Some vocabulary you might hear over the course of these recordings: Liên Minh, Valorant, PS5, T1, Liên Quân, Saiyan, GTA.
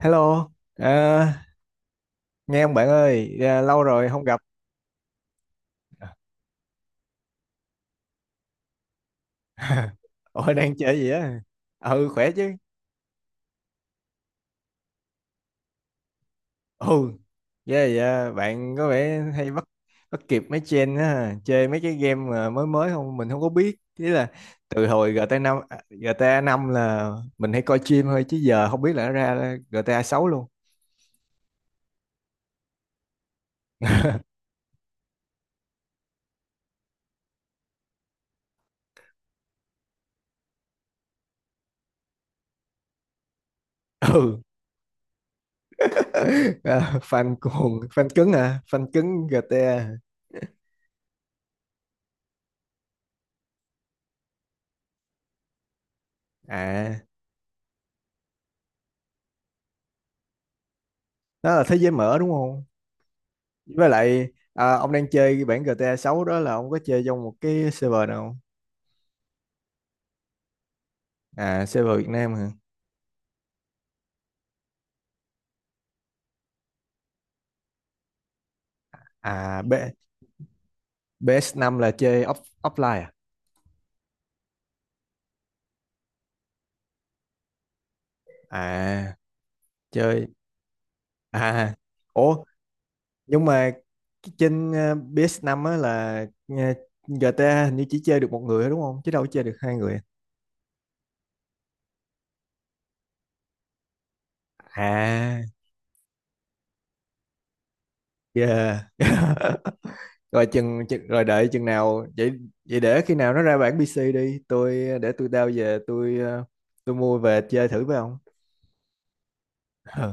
Hello, à, nghe không bạn ơi, à, lâu rồi không gặp. Ủa đang chơi gì á? Ừ khỏe chứ. Ừ, yeah, yeah, bạn có vẻ hay bắt bắt kịp mấy trend á, chơi mấy cái game mà mới mới không mình không có biết. Ý là từ hồi GTA năm, à, GTA năm là mình hay coi stream thôi chứ giờ không biết là nó ra GTA sáu luôn. Ừ. À, fan cuồng, fan cứng à, fan cứng GTA. À, đó là thế giới mở đúng không? Với lại à, ông đang chơi cái bản GTA 6 đó là ông có chơi trong một cái server nào không? À, server Việt Nam hả? À B, ps năm là chơi off, offline à? À chơi, à ủa, nhưng mà cái trên PS5 á là GTA hình như chỉ chơi được một người thôi đúng không, chứ đâu có chơi được hai người? À, yeah. Rồi chừng rồi đợi chừng nào vậy, vậy để khi nào nó ra bản PC đi tôi, để tôi đao về tôi tôi mua về chơi thử với ông. Ờ.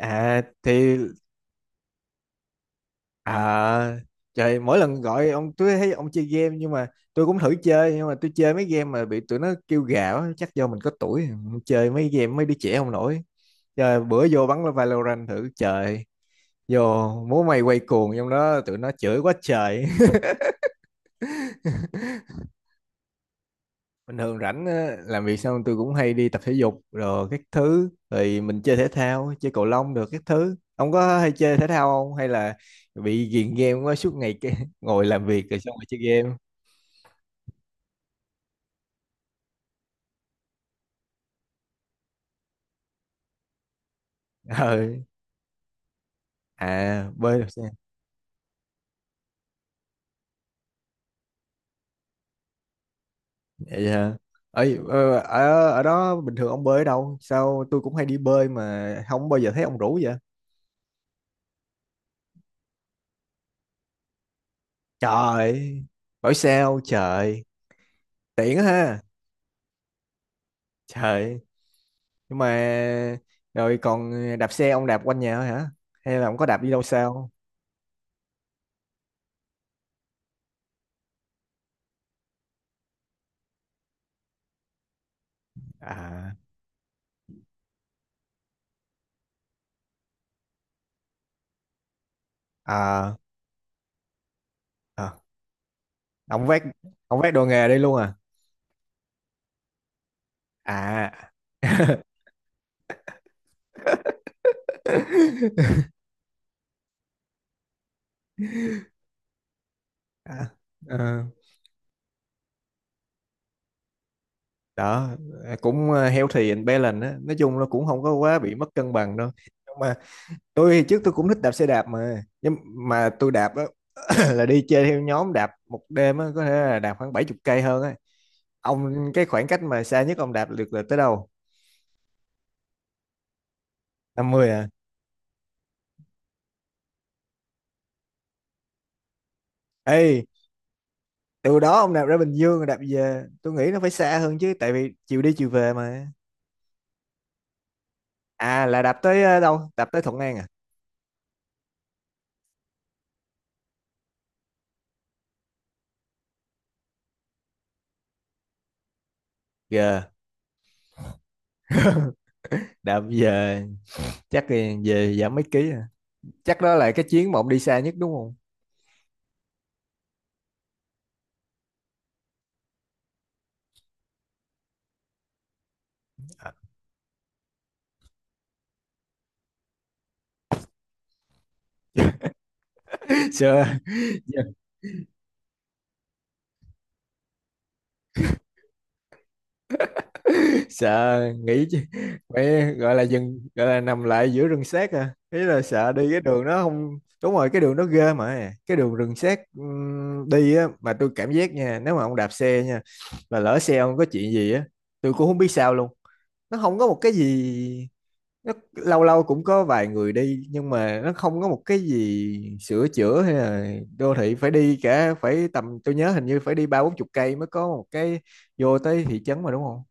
À thì, à trời, mỗi lần gọi ông tôi thấy ông chơi game, nhưng mà tôi cũng thử chơi, nhưng mà tôi chơi mấy game mà bị tụi nó kêu gào á, chắc do mình có tuổi chơi mấy game mấy đứa trẻ không nổi. Trời, bữa vô bắn Valorant thử, trời, vô múa may quay cuồng trong đó tụi nó chửi quá trời. Bình thường rảnh á, làm việc xong tôi cũng hay đi tập thể dục rồi các thứ, thì mình chơi thể thao, chơi cầu lông được các thứ, ông có hay chơi thể thao không hay là bị ghiền game quá suốt ngày cái ngồi làm việc rồi xong rồi chơi game? Ờ, à bơi được sao? Vậy hả? Ấy ở ở đó bình thường ông bơi ở đâu, sao tôi cũng hay đi bơi mà không bao giờ thấy ông rủ vậy? Trời, hỏi sao trời, tiện ha. Trời, nhưng mà, rồi còn đạp xe ông đạp quanh nhà thôi hả, hay là ông có đạp đi đâu xa không? À, à, à. Ông vét, ông vét đồ nghề đi luôn à? À. À, ờ, đó cũng healthy and balanced á, nói chung nó cũng không có quá bị mất cân bằng đâu. Nhưng mà tôi thì trước tôi cũng thích đạp xe đạp mà, nhưng mà tôi đạp á là đi chơi theo nhóm, đạp một đêm á có thể là đạp khoảng bảy chục cây hơn á. Ông cái khoảng cách mà xa nhất ông đạp được là tới đâu? Năm mươi à? Ê, từ đó ông đạp ra Bình Dương rồi đạp về tôi nghĩ nó phải xa hơn chứ, tại vì chiều đi chiều về mà. À là đạp tới đâu, đạp tới Thuận An à? Gờ, đạp về chắc thì về giảm mấy ký à? Chắc đó là cái chuyến mà ông đi xa nhất đúng không? Sure. Sợ, nghĩ chứ, phải gọi là dừng, gọi là nằm lại giữa rừng xét à. Ý là sợ đi cái đường nó không đúng rồi, cái đường nó ghê, mà cái đường rừng xét đi á, mà tôi cảm giác nha, nếu mà ông đạp xe nha mà lỡ xe ông có chuyện gì á, tôi cũng không biết sao luôn. Nó không có một cái gì, nó lâu lâu cũng có vài người đi nhưng mà nó không có một cái gì sửa chữa hay là đô thị, phải đi cả, phải tầm tôi nhớ hình như phải đi ba bốn chục cây mới có một cái, vô tới thị trấn mà đúng không?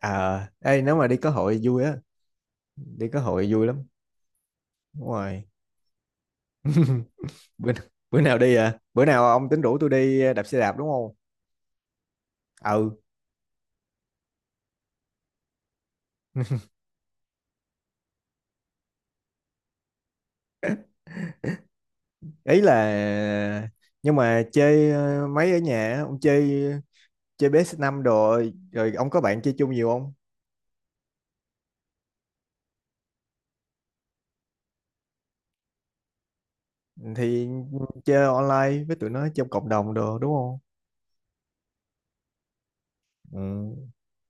À ê, nếu mà đi có hội vui á, đi có hội vui lắm, đúng rồi. bữa, bữa nào đi, à bữa nào ông tính rủ tôi đi đạp xe đạp đúng không? Ừ. Ý là, nhưng mà chơi mấy ở nhà á, ông chơi, chơi ps năm đồ, rồi rồi ông có bạn chơi chung nhiều không? Thì chơi online với tụi nó trong cộng đồng đồ đúng không? Ừ.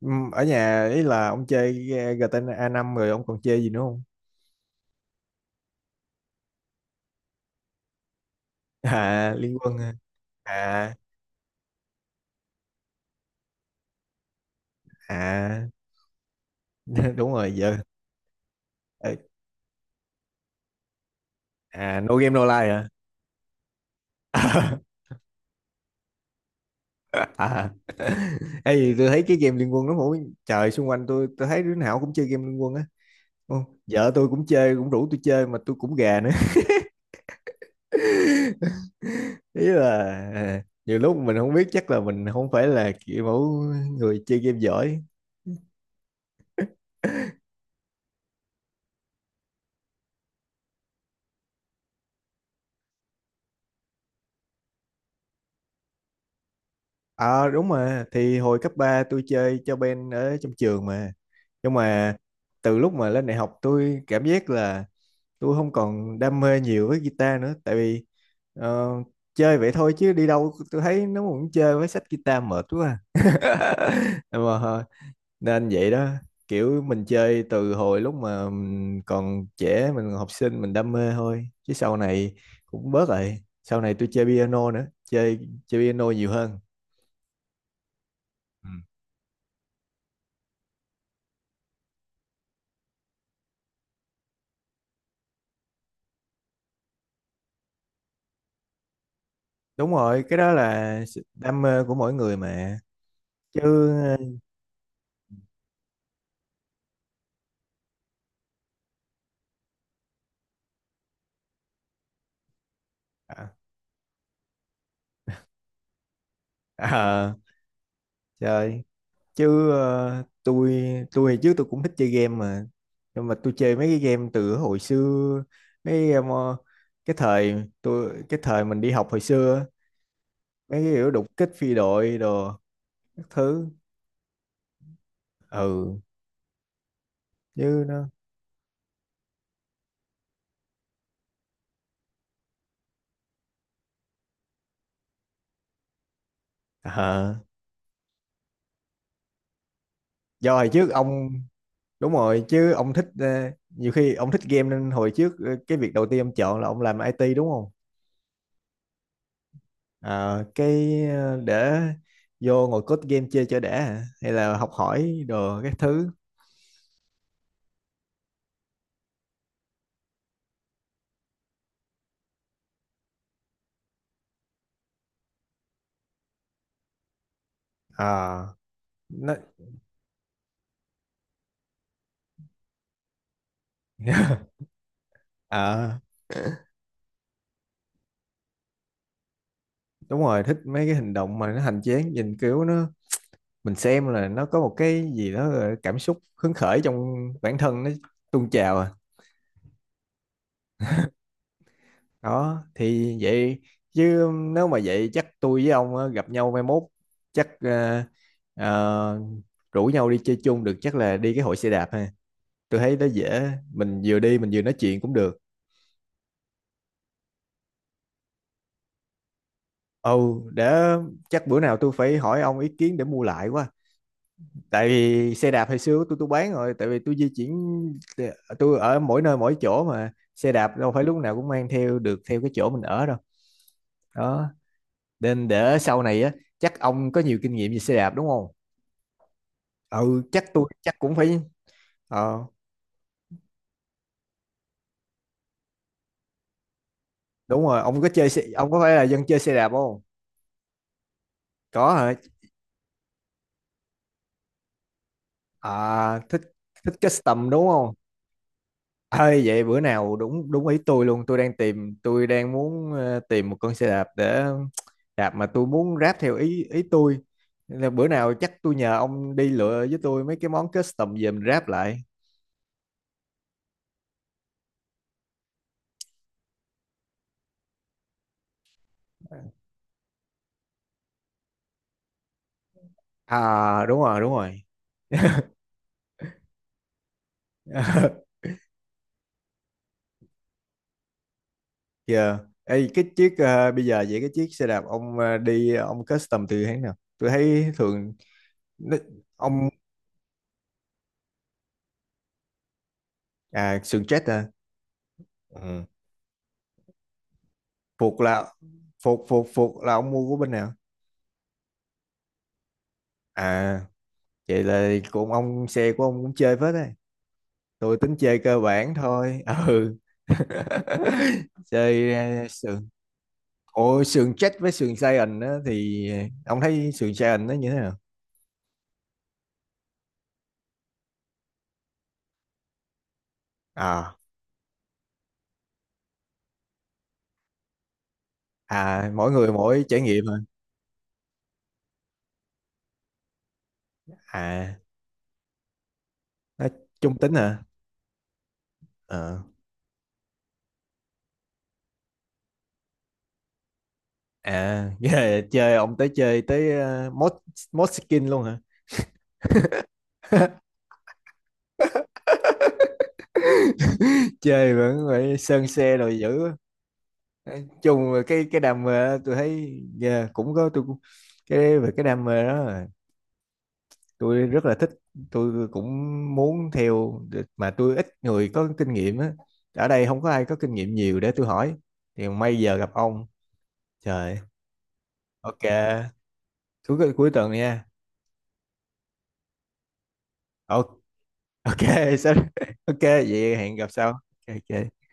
Ở nhà ý là ông chơi giê tê A 5 rồi ông còn chơi gì nữa không? À Liên Quân à? À, à. Đúng rồi giờ. Ê, à no game no life hả? À. Ê, gì tôi thấy cái game Liên Quân nó mỗi trời, xung quanh tôi thấy đứa nào cũng chơi game Liên Quân á. Không, vợ tôi cũng chơi, cũng rủ tôi chơi mà tôi cũng gà nữa. Ý là, à, nhiều lúc mình không biết, chắc là mình không phải là kiểu mẫu người chơi game giỏi. Ờ đúng, mà thì hồi cấp 3 tôi chơi cho band ở trong trường mà, nhưng mà từ lúc mà lên đại học tôi cảm giác là tôi không còn đam mê nhiều với guitar nữa, tại vì ờ, chơi vậy thôi chứ đi đâu tôi thấy nó cũng chơi với sách guitar mệt quá à. Mà nên vậy đó, kiểu mình chơi từ hồi lúc mà mình còn trẻ mình còn học sinh mình đam mê thôi, chứ sau này cũng bớt rồi. Sau này tôi chơi piano nữa, chơi, chơi piano nhiều hơn. Ừ. Đúng rồi, cái đó là sự đam mê của mỗi người mà, chứ ờ, ờ, trời, chứ tôi trước tôi cũng thích chơi game mà, nhưng mà tôi chơi mấy cái game từ hồi xưa, mấy cái game, ờ, cái thời tôi, cái thời mình đi học hồi xưa á, mấy cái kiểu đục kích phi đội đồ các thứ. Ừ, chứ nó ờ, do hồi trước ông, đúng rồi chứ ông thích nhiều khi ông thích game nên hồi trước cái việc đầu tiên ông chọn là ông làm IT đúng không? Ờ, cái để vô ngồi code game chơi cho đã hả, hay là học hỏi đồ các thứ? Ờ, nó, Ờ, đúng rồi, thích mấy cái hành động mà nó hành chiến nhìn kiểu nó, mình xem là nó có một cái gì đó là cảm xúc hứng khởi trong bản thân nó tuôn trào à. Đó thì vậy, chứ nếu mà vậy chắc tôi với ông á, gặp nhau mai mốt chắc ờ, rủ nhau đi chơi chung được, chắc là đi cái hội xe đạp ha, tôi thấy nó dễ, mình vừa đi mình vừa nói chuyện cũng được. Ồ để, chắc bữa nào tôi phải hỏi ông ý kiến để mua lại quá, tại vì xe đạp hồi xưa tôi bán rồi, tại vì tôi di chuyển, tôi ở mỗi nơi mỗi chỗ mà xe đạp đâu phải lúc nào cũng mang theo được theo cái chỗ mình ở đâu. Đó, nên để sau này á chắc ông có nhiều kinh nghiệm về xe đạp đúng không? Ừ chắc tôi, chắc cũng phải. Ờ, đúng rồi ông có chơi xe, ông có phải là dân chơi xe đạp không? Có hả? À thích, thích custom đúng không? Ơi, vậy bữa nào đúng đúng ý tôi luôn, tôi đang tìm, tôi đang muốn tìm một con xe đạp để đạp mà tôi muốn ráp theo ý ý tôi. Nên là bữa nào chắc tôi nhờ ông đi lựa với tôi mấy cái món custom về mình ráp lại. À đúng rồi đúng rồi. Giờ ê, cái chiếc bây giờ vậy cái chiếc xe đạp ông đi, ông custom từ hãng nào, tôi thấy thường nó, ông, à sườn chết à? Ừ. Phục là, phục phục phục là ông mua của bên nào? À, vậy là cũng ông xe của ông cũng chơi phết đấy. Tôi tính chơi cơ bản thôi, ừ. Chơi sườn, ôi sườn chết với sườn Saiyan á thì ông thấy sườn Saiyan nó như thế nào? À, à mỗi người mỗi trải nghiệm hả. À nó trung tính hả? Ờ. À nghĩa là chơi ông tới, chơi tới mod, mod skin luôn hả? Chơi vẫn phải sơn xe rồi, dữ. Đấy, chung về cái đam mê đó, tôi thấy yeah, cũng có, tôi cũng, cái về cái đam mê đó là tôi rất là thích, tôi cũng muốn theo để, mà tôi ít người có kinh nghiệm á, ở đây không có ai có kinh nghiệm nhiều để tôi hỏi, thì may giờ gặp ông. Trời. Ok. Cuối cuối tuần nha. Ok, ok. Sorry. Ok vậy hẹn gặp sau. Ok, ok.